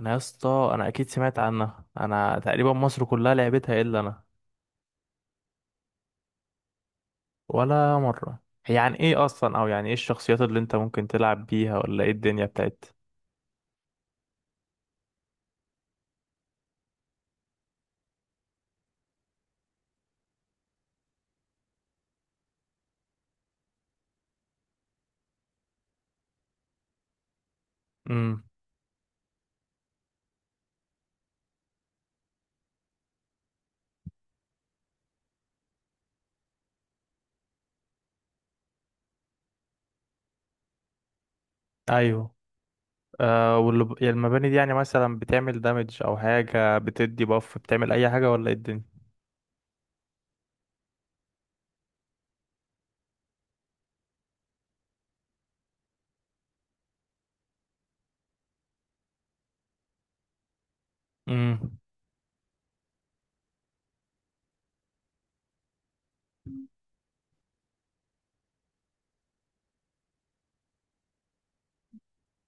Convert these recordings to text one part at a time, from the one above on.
انا، يا اسطى، انا اكيد سمعت عنها. انا تقريبا مصر كلها لعبتها الا انا. ولا مره. هي عن ايه اصلا؟ او يعني ايه الشخصيات اللي انت ممكن تلعب بيها؟ ولا ايه الدنيا بتاعتها؟ امم. ايوه. آه، واللي يعني المباني دي يعني مثلا بتعمل دامج او حاجه بتدي باف، بتعمل اي حاجه ولا ايه الدنيا؟ امم.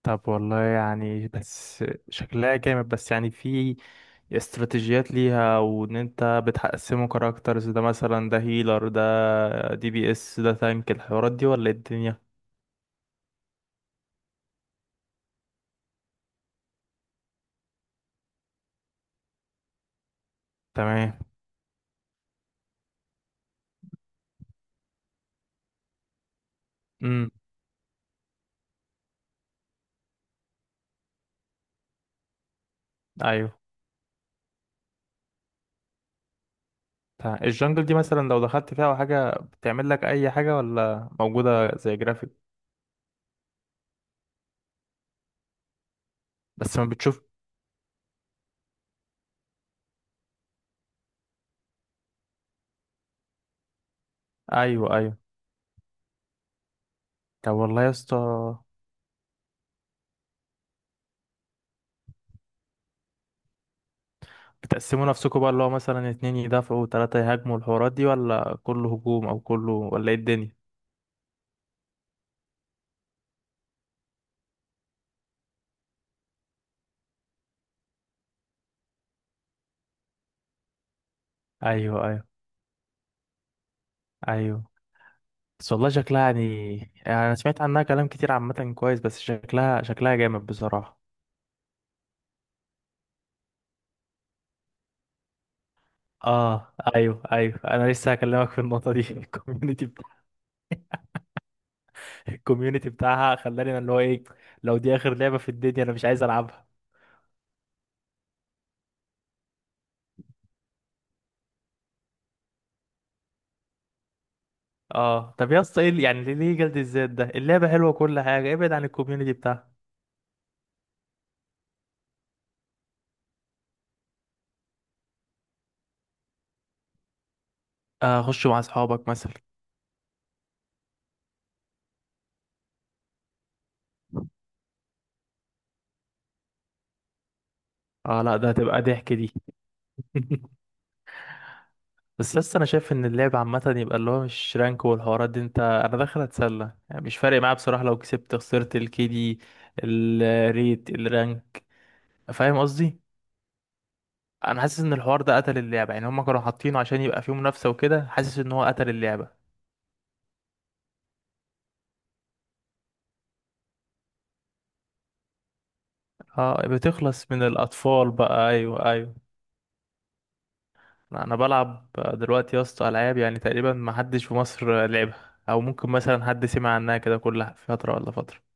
طب والله يعني بس شكلها جامد، بس يعني في استراتيجيات ليها، وان انت بتقسمه كاركترز، ده مثلا ده هيلر، ده دي بي اس، ده تانك، الحوارات دي ولا إيه الدنيا؟ تمام. امم. ايوه. تمام. الجنجل دي مثلا لو دخلت فيها او حاجه بتعمل لك اي حاجه؟ ولا موجوده زي جرافيك؟ بس ما بتشوف. ايوه، ايوه. طب والله يا اسطى، بتقسموا نفسكم بقى اللي هو مثلا 2 يدافعوا وتلاتة يهاجموا، الحوارات دي ولا كله هجوم او كله، ولا ايه الدنيا؟ ايوه، ايوه، ايوه. بس والله شكلها يعني، يعني انا سمعت عنها كلام كتير عامة كويس، بس شكلها جامد بصراحة. اه، ايوه ايوه، انا لسه هكلمك في النقطة دي الكوميونتي بتاعها خلاني أنا اللي هو ايه، لو دي اخر لعبة في الدنيا انا مش عايز العبها. اه، طب يا اسطى، ايه يعني ليه جلد الذات ده؟ اللعبة حلوة وكل حاجة، ابعد عن الكوميونتي بتاعها. آه، خش مع اصحابك مثلا. اه لا، ده هتبقى ضحك دي بس لسه انا شايف ان اللعب عامه يبقى اللي هو مش رانك والحوارات دي، انت انا داخل اتسلى يعني، مش فارق معايا بصراحه لو كسبت خسرت الكي دي الريت الرانك. فاهم قصدي؟ انا حاسس ان الحوار ده قتل اللعبه، يعني هم كانوا حاطينه عشان يبقى فيه منافسه وكده، حاسس ان هو قتل اللعبه. اه، بتخلص من الاطفال بقى، ايوه ايوه. انا بلعب دلوقتي يا اسطى العاب يعني تقريبا ما حدش في مصر لعبها، او ممكن مثلا حد سمع عنها كده كلها فتره ولا فتره.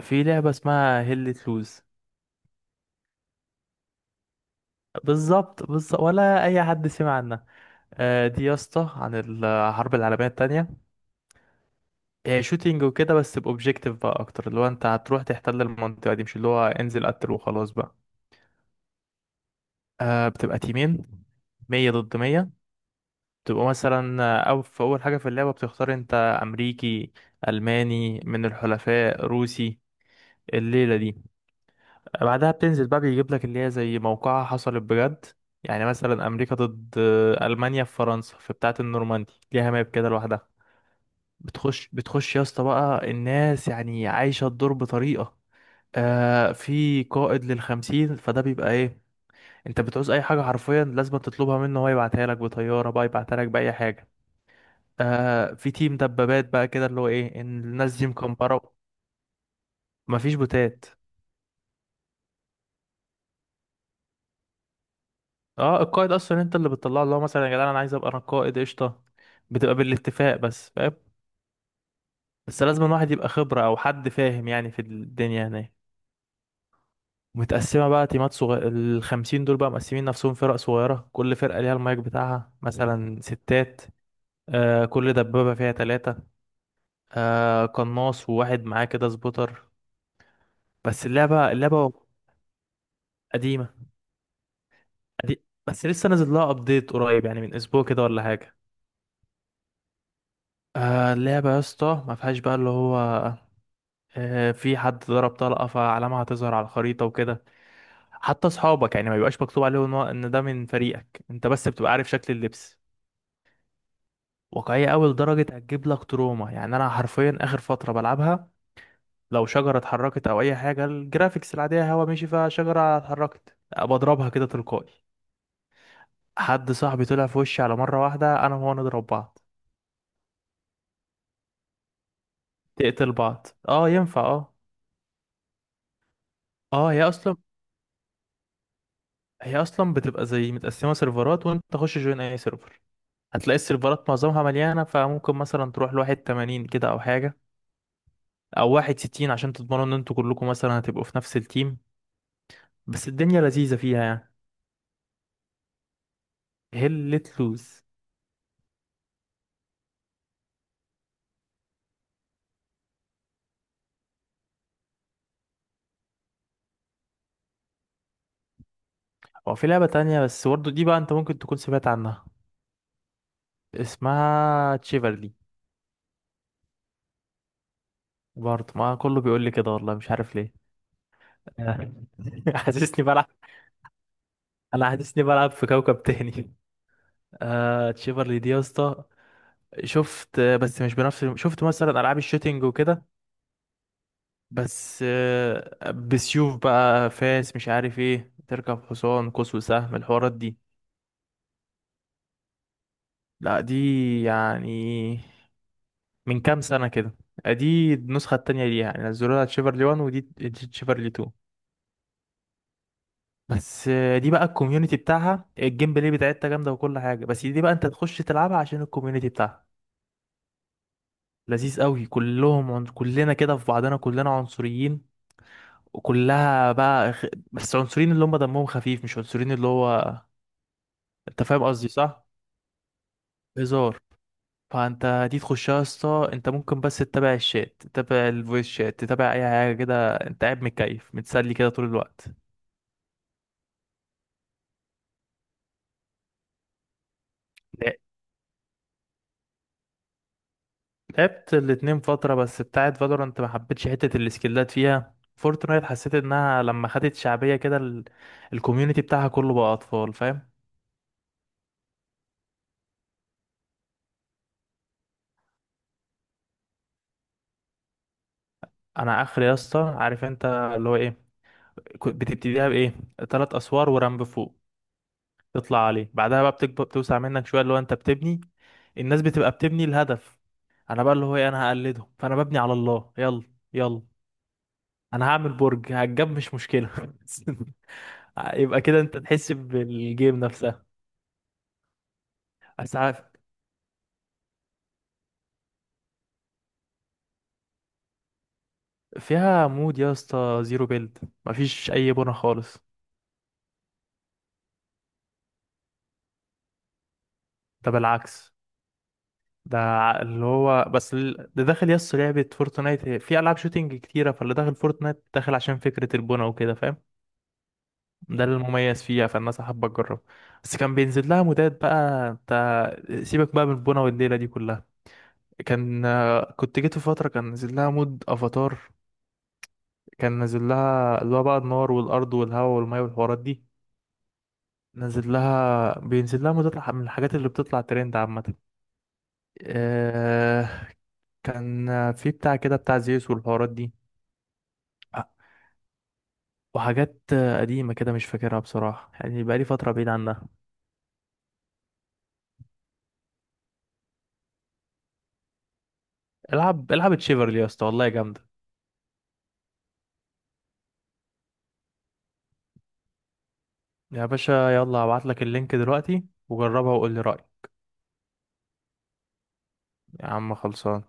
في لعبه اسمها هيل لوز. بالظبط بالظبط، ولا اي حد سمع عنها. آه، دي يا اسطى عن الحرب العالميه التانية. هي شوتينج وكده، بس باوبجيكتيف بقى اكتر، اللي هو انت هتروح تحتل المنطقه دي، مش اللي هو انزل قتل وخلاص بقى. آه، بتبقى تيمين، 100 ضد 100. بتبقى مثلا آه، او في اول حاجه في اللعبه بتختار انت: امريكي، الماني من الحلفاء، روسي، الليله دي. بعدها بتنزل بقى، بيجيب لك اللي هي زي موقعها حصلت بجد، يعني مثلا امريكا ضد المانيا في فرنسا، في بتاعه النورماندي، ليها ماب كده لوحدها. بتخش يا اسطى بقى، الناس يعني عايشه الدور بطريقه. آه، في قائد للخمسين، فده بيبقى ايه، انت بتعوز اي حاجه حرفيا لازم تطلبها منه، هو يبعتها لك بطياره بقى، يبعتها لك باي حاجه. آه، في تيم دبابات بقى كده، اللي هو ايه ان الناس دي مكمبره. مفيش بوتات. اه، القائد اصلا انت اللي بتطلع له مثلا يا جدعان انا عايز ابقى انا قائد، قشطه، بتبقى بالاتفاق، بس فاهم. بس لازم الواحد يبقى خبره او حد فاهم يعني في الدنيا هناك. متقسمه بقى تيمات صغيره، الخمسين دول بقى مقسمين نفسهم فرق صغيره، كل فرقه ليها المايك بتاعها، مثلا 6. آه، كل دبابه فيها 3. آه، قناص وواحد معاه كده سبوتر. بس اللعبه اللعبه قديمه. بس لسه نازل لها ابديت قريب، يعني من اسبوع كده ولا حاجه. آه، اللعبة يا اسطى ما فيهاش بقى اللي هو، آه، في حد ضرب طلقة فعلامة هتظهر على الخريطة وكده، حتى أصحابك يعني ما بيبقاش مكتوب عليه إن ده من فريقك، أنت بس بتبقى عارف شكل اللبس. واقعية أوي لدرجة هتجيب لك تروما، يعني أنا حرفيا آخر فترة بلعبها، لو شجرة اتحركت أو أي حاجة، الجرافيكس العادية هوا مشي، فشجرة اتحركت بضربها كده تلقائي. حد صاحبي طلع في وشي على مرة واحدة، أنا وهو نضرب بعض. تقتل بعض، اه ينفع اه. اه، هي أصلا بتبقى زي متقسمة سيرفرات، وأنت تخش جوين أي سيرفر، هتلاقي السيرفرات معظمها مليانة، فممكن مثلا تروح لواحد 80 كده أو حاجة، أو واحد 60، عشان تضمنوا إن انتوا كلكم مثلا هتبقوا في نفس التيم. بس الدنيا لذيذة فيها يعني. هل لوز. هو في لعبة تانية بس برضه دي بقى أنت ممكن تكون سمعت عنها، اسمها تشيفرلي. برضه ما كله بيقول لي كده، والله مش عارف ليه حاسسني بلعب، أنا حاسسني بلعب في كوكب تاني. آه، تشيفرلي دي يا اسطى شفت، بس مش بنفس، شفت مثلا ألعاب الشوتينج وكده، بس آه، بسيوف بقى، فاس، مش عارف ايه، تركب حصان، قوس وسهم، الحوارات دي. لا دي يعني من كام سنة كده. دي النسخة التانية ليها، يعني نزلوها تشيفرلي 1 ودي تشيفرلي 2. بس آه، دي بقى الكوميونتي بتاعها الجيم بلاي بتاعتها جامدة وكل حاجة، بس دي بقى انت تخش تلعبها عشان الكوميونتي بتاعها. لذيذ قوي، كلنا كده في بعضنا كلنا عنصريين، وكلها بقى بس عنصريين اللي هم دمهم خفيف، مش عنصريين اللي هو، انت فاهم قصدي صح، هزار. فانت دي تخشها يا اسطى، انت ممكن بس تتابع الشات، تتابع الفويس شات، تتابع اي حاجه كده، انت قاعد متكيف متسلي كده طول الوقت. لا- لعبت الاتنين فتره، بس بتاعت فالورانت ما حبيتش حته السكيلات فيها، فورتنايت حسيت انها لما خدت شعبيه كده الكوميونتي بتاعها كله بقى اطفال فاهم. انا اخر يا اسطى عارف انت اللي هو ايه، بتبتديها بايه؟ 3 اسوار ورمب فوق تطلع عليه، بعدها بقى بتكبر بتوسع منك شويه اللي هو انت بتبني، الناس بتبقى بتبني الهدف، انا بقى اللي هو ايه، انا هقلدهم، فانا ببني على الله، يلا يلا، انا هعمل برج هتجاب مش مشكلة يبقى كده انت تحس بالجيم نفسها. بس عارف فيها مود يا اسطى زيرو بيلد، مفيش اي بنا خالص. ده بالعكس، ده اللي هو بس، ده داخل يا اسطى لعبة فورتنايت في العاب شوتينج كتيرة، فاللي داخل فورتنايت داخل عشان فكرة البنا وكده فاهم، ده المميز فيها، فالناس حابة تجرب. بس كان بينزل لها مودات بقى، انت سيبك بقى من البونة والليلة دي كلها، كان كنت جيت في فترة كان نازل لها مود افاتار، كان نازل لها اللي هو بقى النار والارض والهواء والمية والحوارات دي، نازل لها بينزل لها مودات من الحاجات اللي بتطلع ترند عامة. آه، كان في بتاع كده بتاع زيوس والحوارات دي، وحاجات قديمة كده مش فاكرها بصراحة، يعني بقالي فترة بعيد عنها. العب العب تشيفرلي يا اسطى، والله جامدة. يا باشا، يلا هبعت لك اللينك دلوقتي، وجربها وقول لي رأيك. يا عم خلصان.